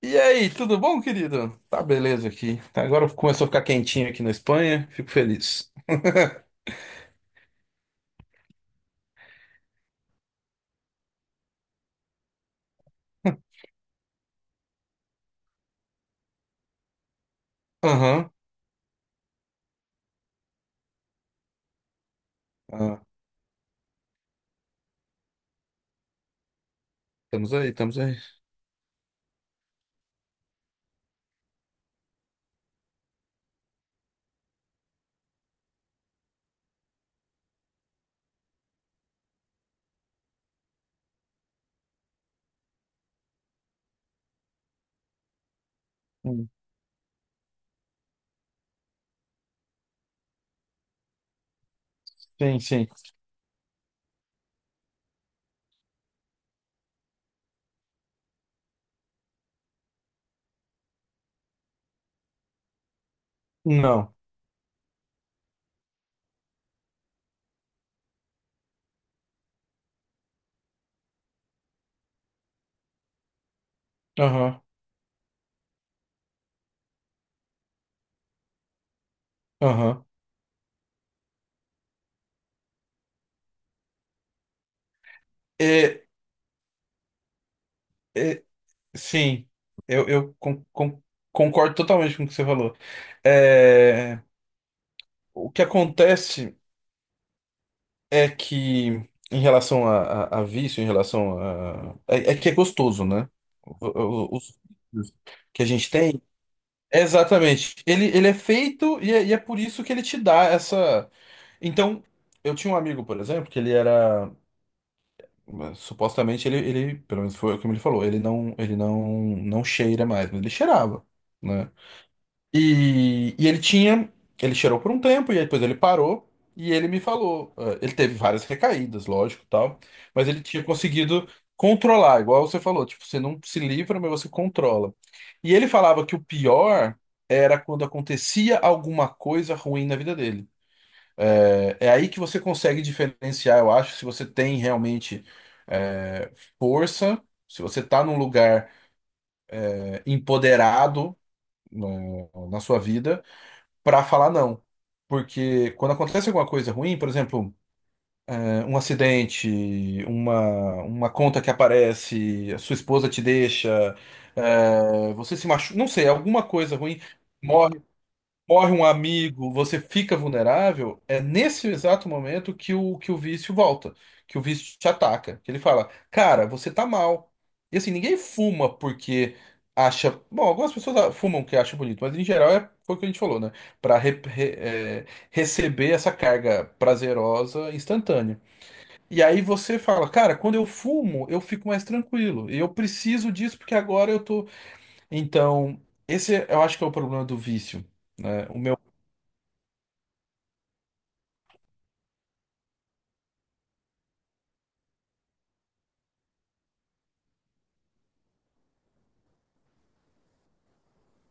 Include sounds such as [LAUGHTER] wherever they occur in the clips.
E aí, tudo bom, querido? Tá beleza aqui. Agora começou a ficar quentinho aqui na Espanha, fico feliz. [LAUGHS] Aham, ah, estamos aí, estamos aí. Hum. Sim, sim. Não. Aham, aham. É, é, sim, eu concordo totalmente com o que você falou. É, o que acontece é que, em relação a, a vício, em relação a. É que é gostoso, né? Os vícios que a gente tem. Exatamente. Ele é feito e é por isso que ele te dá essa. Então, eu tinha um amigo, por exemplo, que ele era. Supostamente ele, pelo menos foi o que ele falou, ele não, não cheira mais, mas ele cheirava. Né? E ele tinha, ele cheirou por um tempo, e aí depois ele parou, e ele me falou. Ele teve várias recaídas, lógico, tal, mas ele tinha conseguido controlar, igual você falou, tipo, você não se livra, mas você controla. E ele falava que o pior era quando acontecia alguma coisa ruim na vida dele. É, é aí que você consegue diferenciar, eu acho, se você tem realmente eh, força, se você tá num lugar empoderado na sua vida para falar não. Porque quando acontece alguma coisa ruim, por exemplo, é, um acidente, uma conta que aparece, a sua esposa te deixa, é, você se machuca, não sei, alguma coisa ruim morre um amigo, você fica vulnerável, é nesse exato momento que o vício volta, que o vício te ataca. Que ele fala, cara, você tá mal. E assim, ninguém fuma porque acha. Bom, algumas pessoas fumam que acham bonito, mas em geral é foi o que a gente falou, né? Pra receber essa carga prazerosa instantânea. E aí você fala, cara, quando eu fumo, eu fico mais tranquilo. E eu preciso disso porque agora eu tô. Então, esse é, eu acho que é o problema do vício né? O meu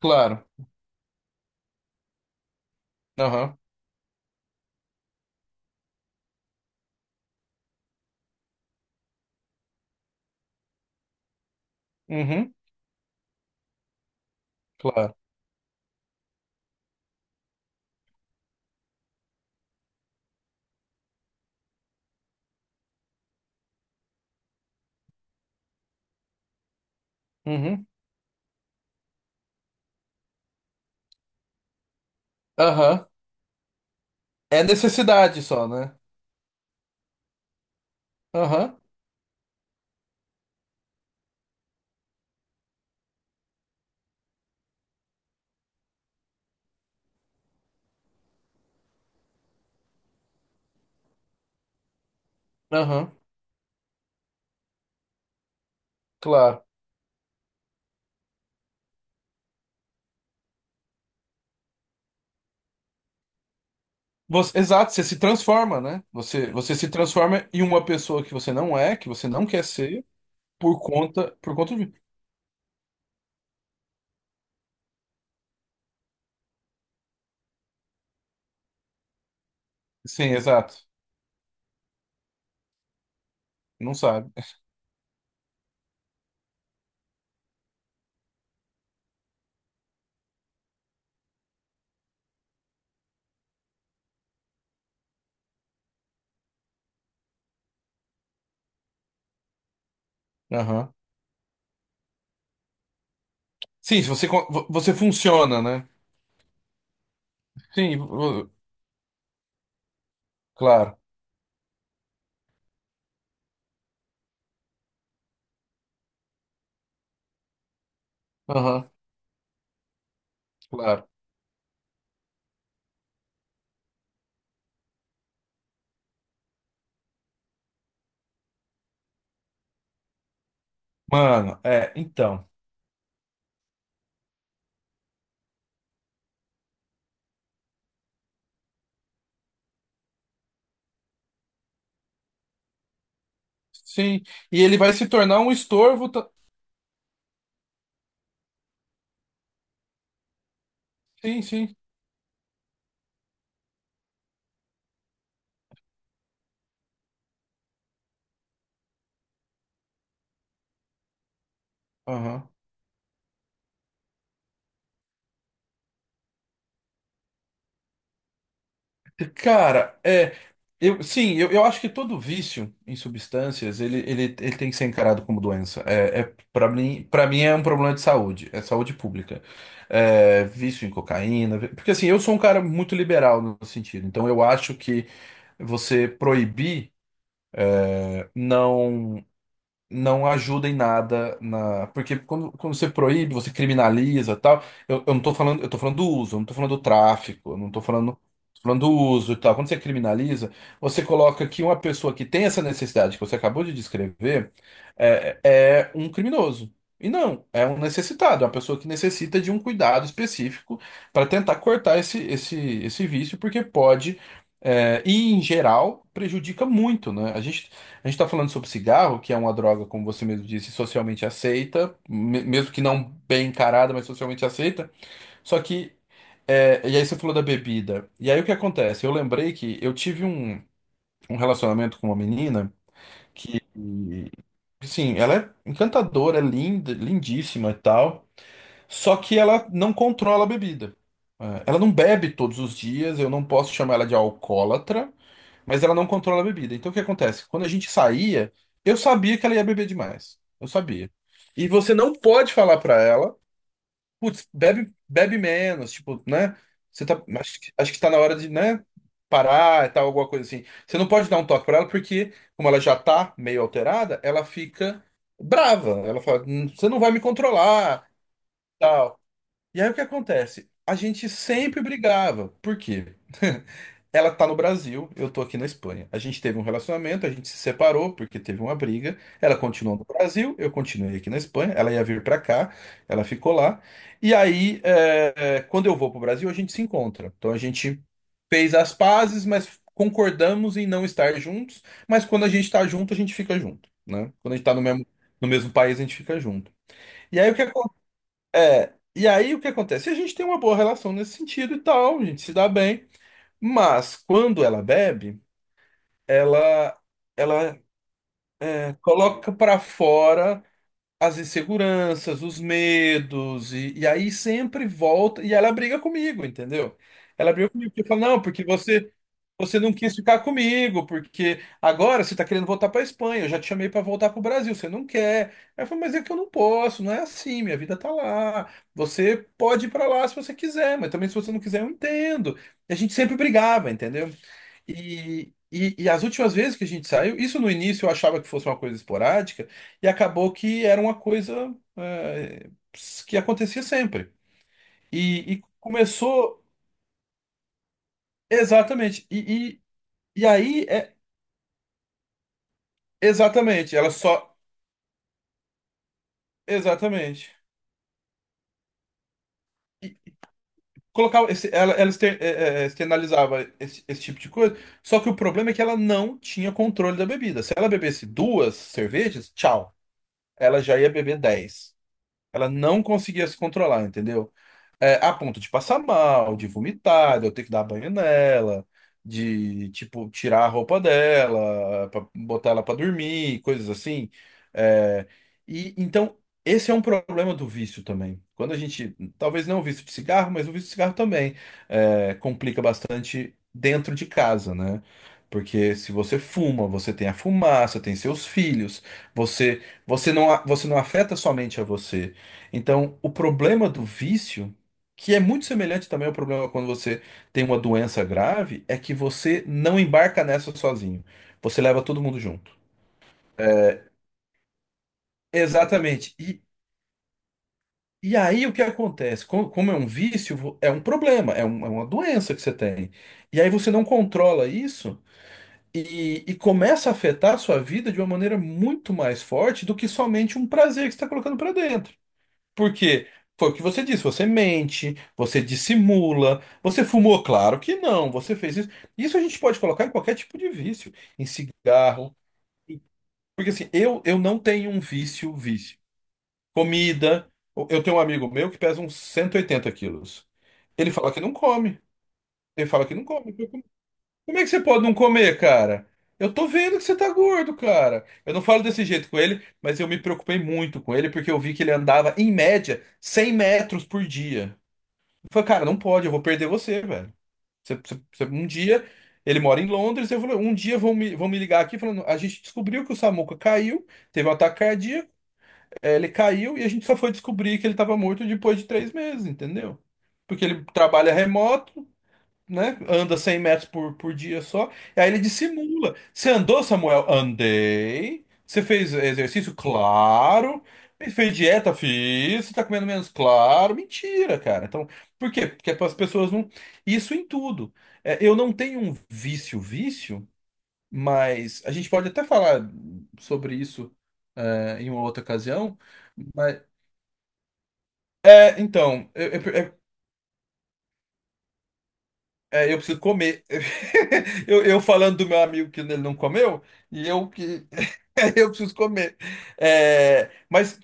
Claro. Aham. Uhum. Claro. Uhum. Aham. É necessidade só, né? Aham. Aham. Claro. Você, exato, você se transforma, né? Você se transforma em uma pessoa que você não é, que você não quer ser, por conta de. Sim, exato. Não sabe. Aham. Sim, se você funciona, né? Sim, claro. Aham, claro. Mano, é, então. Sim. E ele vai se tornar um estorvo. Sim, sim. Aham. Cara, é, eu, sim, eu acho que todo vício em substâncias, ele tem que ser encarado como doença. É, para mim é um problema de saúde, é saúde pública. É, vício em cocaína, porque assim, eu sou um cara muito liberal no sentido, então eu acho que você proibir não não ajuda em nada na. Porque quando você proíbe, você criminaliza e tal. Eu não tô falando, eu tô falando do uso, eu não tô falando do tráfico, eu não tô falando, tô falando do uso e tal. Quando você criminaliza, você coloca que uma pessoa que tem essa necessidade que você acabou de descrever é um criminoso. E não, é um necessitado, é uma pessoa que necessita de um cuidado específico para tentar cortar esse vício, porque pode, e em geral, prejudica muito, né? A gente está falando sobre cigarro, que é uma droga, como você mesmo disse, socialmente aceita, mesmo que não bem encarada, mas socialmente aceita. Só que, e aí você falou da bebida. E aí o que acontece? Eu lembrei que eu tive um relacionamento com uma menina que, sim, ela é encantadora, é linda, lindíssima e tal, só que ela não controla a bebida. Ela não bebe todos os dias, eu não posso chamar ela de alcoólatra, mas ela não controla a bebida. Então o que acontece? Quando a gente saía, eu sabia que ela ia beber demais. Eu sabia. E você não pode falar pra ela, putz, bebe, bebe menos, tipo, né? Você tá, acho, acho que tá na hora de, né, parar e tal, alguma coisa assim. Você não pode dar um toque pra ela porque, como ela já tá meio alterada, ela fica brava. Ela fala, você não vai me controlar, tal. E aí o que acontece? A gente sempre brigava. Por quê? [LAUGHS] Ela tá no Brasil, eu tô aqui na Espanha. A gente teve um relacionamento, a gente se separou porque teve uma briga. Ela continuou no Brasil, eu continuei aqui na Espanha. Ela ia vir pra cá, ela ficou lá. E aí, quando eu vou pro Brasil, a gente se encontra. Então a gente fez as pazes, mas concordamos em não estar juntos. Mas quando a gente tá junto, a gente fica junto, né? Quando a gente tá no mesmo, país, a gente fica junto. E aí o que acontece? E aí o que acontece? A gente tem uma boa relação nesse sentido e tal, a gente se dá bem, mas quando ela bebe, ela ela coloca pra fora as inseguranças, os medos e aí sempre volta e ela briga comigo, entendeu? Ela briga comigo porque fala, não, porque você não quis ficar comigo, porque agora você está querendo voltar para a Espanha. Eu já te chamei para voltar para o Brasil, você não quer. Aí eu falei, mas é que eu não posso, não é assim, minha vida tá lá. Você pode ir para lá se você quiser, mas também se você não quiser, eu entendo. E a gente sempre brigava, entendeu? E as últimas vezes que a gente saiu, isso no início eu achava que fosse uma coisa esporádica, e acabou que era uma coisa que acontecia sempre. E começou exatamente. E aí. Exatamente, ela só. Exatamente. E colocava ela externalizava esse tipo de coisa, só que o problema é que ela não tinha controle da bebida. Se ela bebesse duas cervejas, tchau. Ela já ia beber 10. Ela não conseguia se controlar, entendeu? É, a ponto de passar mal, de vomitar, de eu ter que dar banho nela, de, tipo, tirar a roupa dela, pra botar ela pra dormir, coisas assim. É, e então, esse é um problema do vício também. Quando a gente, talvez não o vício de cigarro, mas o vício de cigarro também complica bastante dentro de casa, né? Porque se você fuma, você tem a fumaça, tem seus filhos, você não afeta somente a você. Então, o problema do vício, que é muito semelhante também ao problema quando você tem uma doença grave, é que você não embarca nessa sozinho. Você leva todo mundo junto. Exatamente. E aí o que acontece? Como, é um vício, é um problema, é uma doença que você tem. E aí você não controla isso e começa a afetar a sua vida de uma maneira muito mais forte do que somente um prazer que você está colocando para dentro. Porque foi o que você disse, você mente, você dissimula, você fumou, claro que não, você fez isso. Isso a gente pode colocar em qualquer tipo de vício, em cigarro. em- Porque assim, eu não tenho um vício, vício. Comida, eu tenho um amigo meu que pesa uns 180 quilos. Ele fala que não come, ele fala que não come. Como é que você pode não comer, cara? Eu tô vendo que você tá gordo, cara. Eu não falo desse jeito com ele, mas eu me preocupei muito com ele porque eu vi que ele andava, em média, 100 metros por dia. Eu falei, cara, não pode, eu vou perder você, velho. Um dia, ele mora em Londres, eu falei, um dia vão me, ligar aqui falando, a gente descobriu que o Samuca caiu, teve um ataque cardíaco, ele caiu e a gente só foi descobrir que ele estava morto depois de 3 meses, entendeu? Porque ele trabalha remoto, né? Anda 100 metros por dia só. E aí ele dissimula. Você andou, Samuel? Andei. Você fez exercício? Claro. Fez dieta? Fiz. Você tá comendo menos? Claro. Mentira, cara. Então, por quê? Porque as pessoas não. Isso em tudo. É, eu, não tenho um vício, vício, mas a gente pode até falar sobre isso, em uma outra ocasião. Mas, então, eu preciso comer. [LAUGHS] Eu falando do meu amigo que ele não comeu, e eu que. [LAUGHS] Eu preciso comer. É, mas.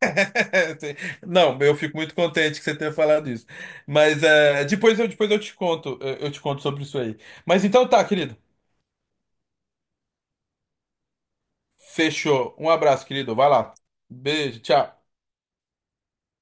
[LAUGHS] Não, eu fico muito contente que você tenha falado isso. Mas depois eu, te conto, eu te conto sobre isso aí. Mas então tá, querido. Fechou. Um abraço, querido. Vai lá. Beijo, tchau.